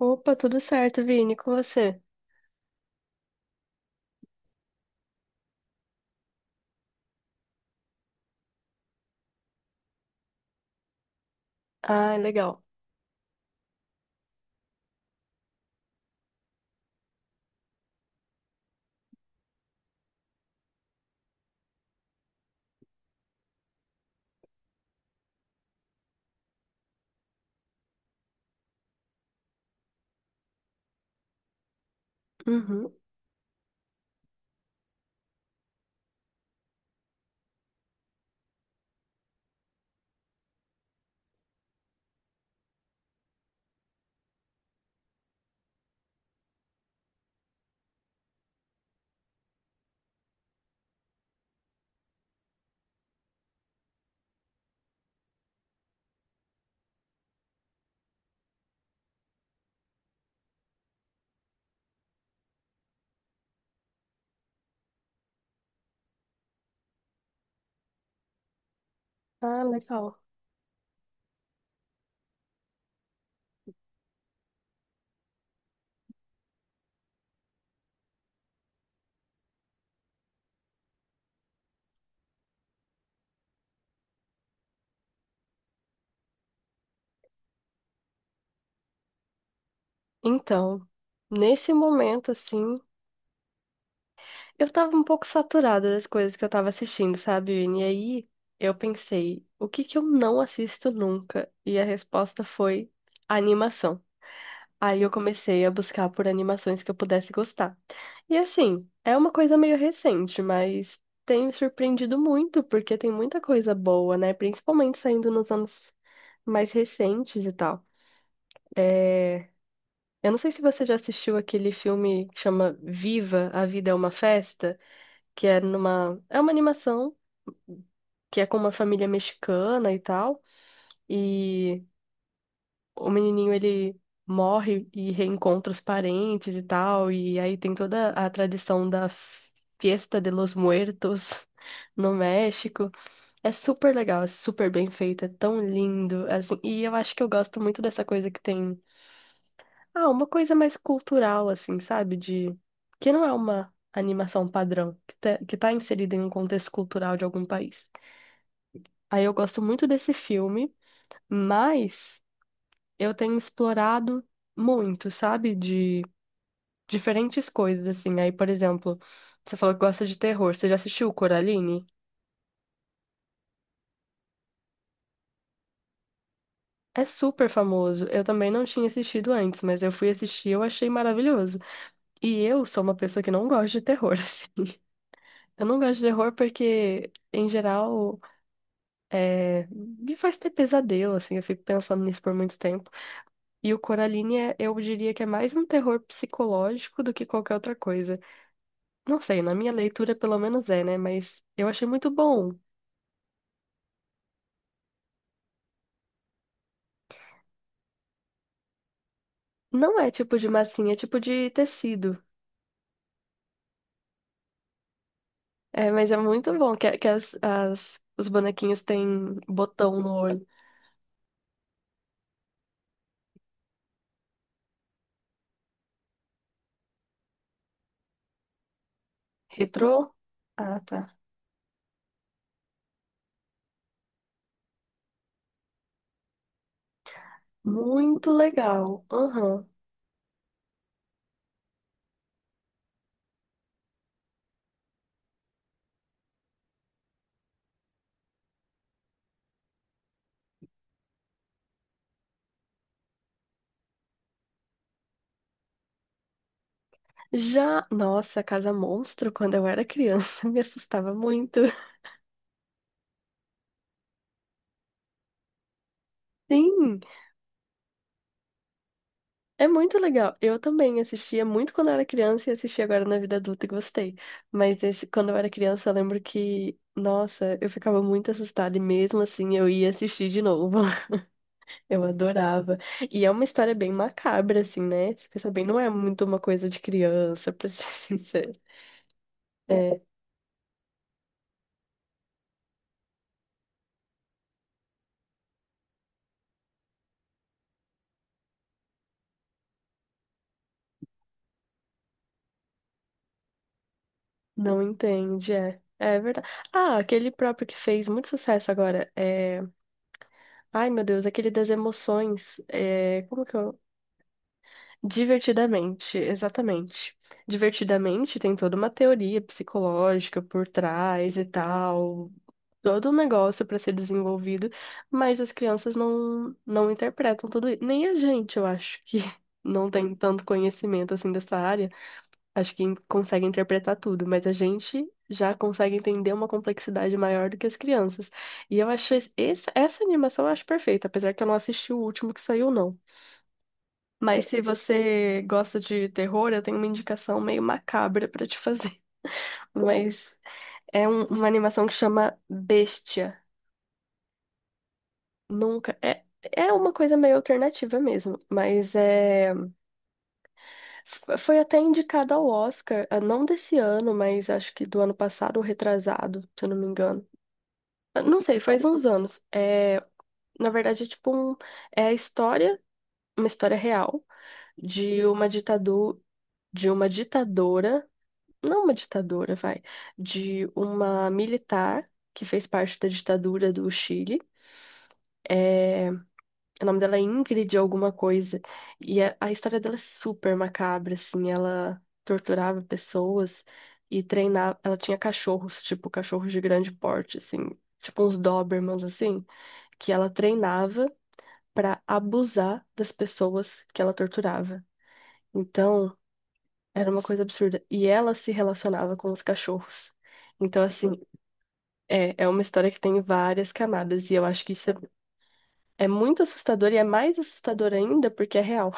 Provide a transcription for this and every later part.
Opa, tudo certo, Vini, com você? Ah, legal. Uhum. Ah, legal. Então, nesse momento, assim, eu tava um pouco saturada das coisas que eu tava assistindo, sabe, Vini? E aí eu pensei, o que que eu não assisto nunca? E a resposta foi animação. Aí eu comecei a buscar por animações que eu pudesse gostar. E assim, é uma coisa meio recente, mas tem me surpreendido muito, porque tem muita coisa boa, né? Principalmente saindo nos anos mais recentes e tal. É, Eu não sei se você já assistiu aquele filme que chama Viva, a Vida é uma Festa, que é numa. É uma animação que é com uma família mexicana e tal. E o menininho ele morre e reencontra os parentes e tal. E aí tem toda a tradição da Fiesta de los Muertos no México. É super legal, é super bem feito, é tão lindo assim, e eu acho que eu gosto muito dessa coisa que tem. Ah, uma coisa mais cultural, assim, sabe? De que não é uma animação padrão, que tá inserida em um contexto cultural de algum país. Aí eu gosto muito desse filme, mas eu tenho explorado muito, sabe? De diferentes coisas, assim. Aí, por exemplo, você falou que gosta de terror. Você já assistiu Coraline? É super famoso. Eu também não tinha assistido antes, mas eu fui assistir e eu achei maravilhoso. E eu sou uma pessoa que não gosta de terror, assim. Eu não gosto de terror porque, em geral, me faz ter pesadelo, assim, eu fico pensando nisso por muito tempo. E o Coraline, eu diria que é mais um terror psicológico do que qualquer outra coisa. Não sei, na minha leitura pelo menos é, né? Mas eu achei muito bom. Não é tipo de massinha, é tipo de tecido. É, mas é muito bom que os bonequinhos têm botão no olho. Retrô? Ah, tá. Muito legal. Aham. Já, nossa, Casa Monstro, quando eu era criança, me assustava muito. Sim. É muito legal. Eu também assistia muito quando eu era criança e assisti agora na vida adulta e gostei. Mas esse, quando eu era criança, eu lembro que, nossa, eu ficava muito assustada e mesmo assim eu ia assistir de novo. Eu adorava. E é uma história bem macabra, assim, né? Você pensa bem, não é muito uma coisa de criança, pra ser sincero. É, não entende, é. É verdade. Ah, aquele próprio que fez muito sucesso agora. É... Ai, meu Deus, aquele das emoções. É... Como que é? Divertidamente, exatamente. Divertidamente tem toda uma teoria psicológica por trás e tal, todo um negócio para ser desenvolvido, mas as crianças não interpretam tudo isso. Nem a gente, eu acho que não tem tanto conhecimento assim dessa área, acho que consegue interpretar tudo, mas a gente já consegue entender uma complexidade maior do que as crianças. E eu achei essa animação eu acho perfeita, apesar que eu não assisti o último que saiu, não. Mas se você gosta de terror, eu tenho uma indicação meio macabra pra te fazer. Mas uma animação que chama Bestia. Nunca. É, é uma coisa meio alternativa mesmo. Mas é. Foi até indicada ao Oscar, ah, não desse ano, mas acho que do ano passado ou retrasado, se eu não me engano. Ah, não sei, faz uns anos. É, na verdade, é a história, uma história real de uma ditadura, de uma ditadora, não é uma ditadora, vai, de uma militar que fez parte da ditadura do Chile. É, o nome dela é Ingrid alguma coisa. E a história dela é super macabra, assim, ela torturava pessoas e treinava, ela tinha cachorros, tipo cachorros de grande porte, assim, tipo uns Dobermans, assim, que ela treinava pra abusar das pessoas que ela torturava. Então, era uma coisa absurda. E ela se relacionava com os cachorros. Então, assim, é, é uma história que tem várias camadas e eu acho que isso é, é muito assustador e é mais assustador ainda porque é real.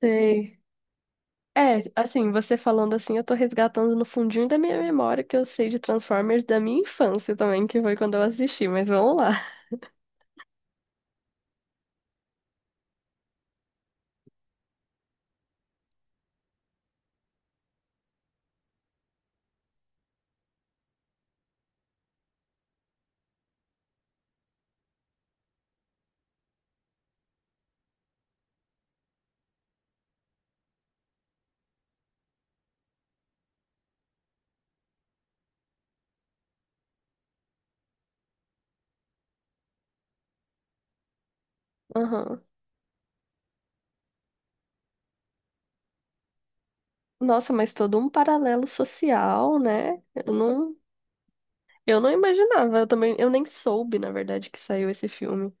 Sei. É, assim, você falando assim, eu tô resgatando no fundinho da minha memória que eu sei de Transformers da minha infância também, que foi quando eu assisti, mas vamos lá. Aham. Nossa, mas todo um paralelo social, né? Eu não imaginava, eu também, eu nem soube, na verdade, que saiu esse filme.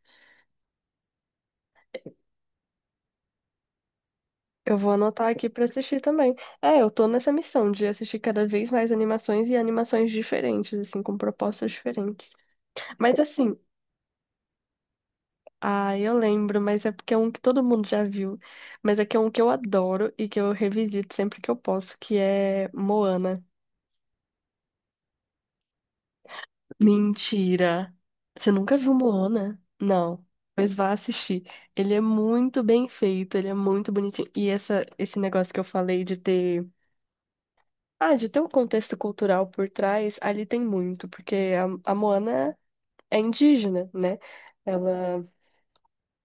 Eu vou anotar aqui pra assistir também. É, eu tô nessa missão de assistir cada vez mais animações e animações diferentes, assim, com propostas diferentes. Mas assim, ah, eu lembro, mas é porque é um que todo mundo já viu. Mas é que é um que eu adoro e que eu revisito sempre que eu posso, que é Moana. Mentira! Você nunca viu Moana? Não. Pois vá assistir. Ele é muito bem feito, ele é muito bonitinho. E essa, esse negócio que eu falei de ter, ah, de ter um contexto cultural por trás, ali tem muito, porque a Moana é indígena, né? Ela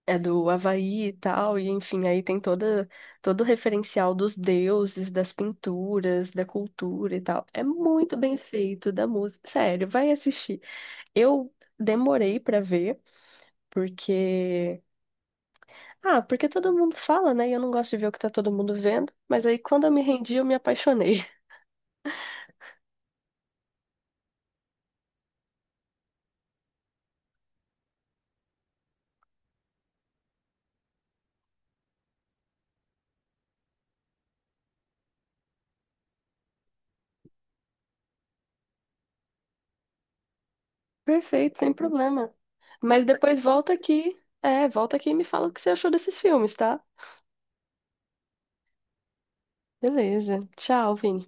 é do Havaí e tal, e enfim, aí tem toda, todo o referencial dos deuses, das pinturas, da cultura e tal. É muito bem feito, da música. Sério, vai assistir. Eu demorei pra ver, porque. Ah, porque todo mundo fala, né? E eu não gosto de ver o que tá todo mundo vendo, mas aí quando eu me rendi, eu me apaixonei. Perfeito, sem problema. Mas depois volta aqui. É, volta aqui e me fala o que você achou desses filmes, tá? Beleza. Tchau, Vini.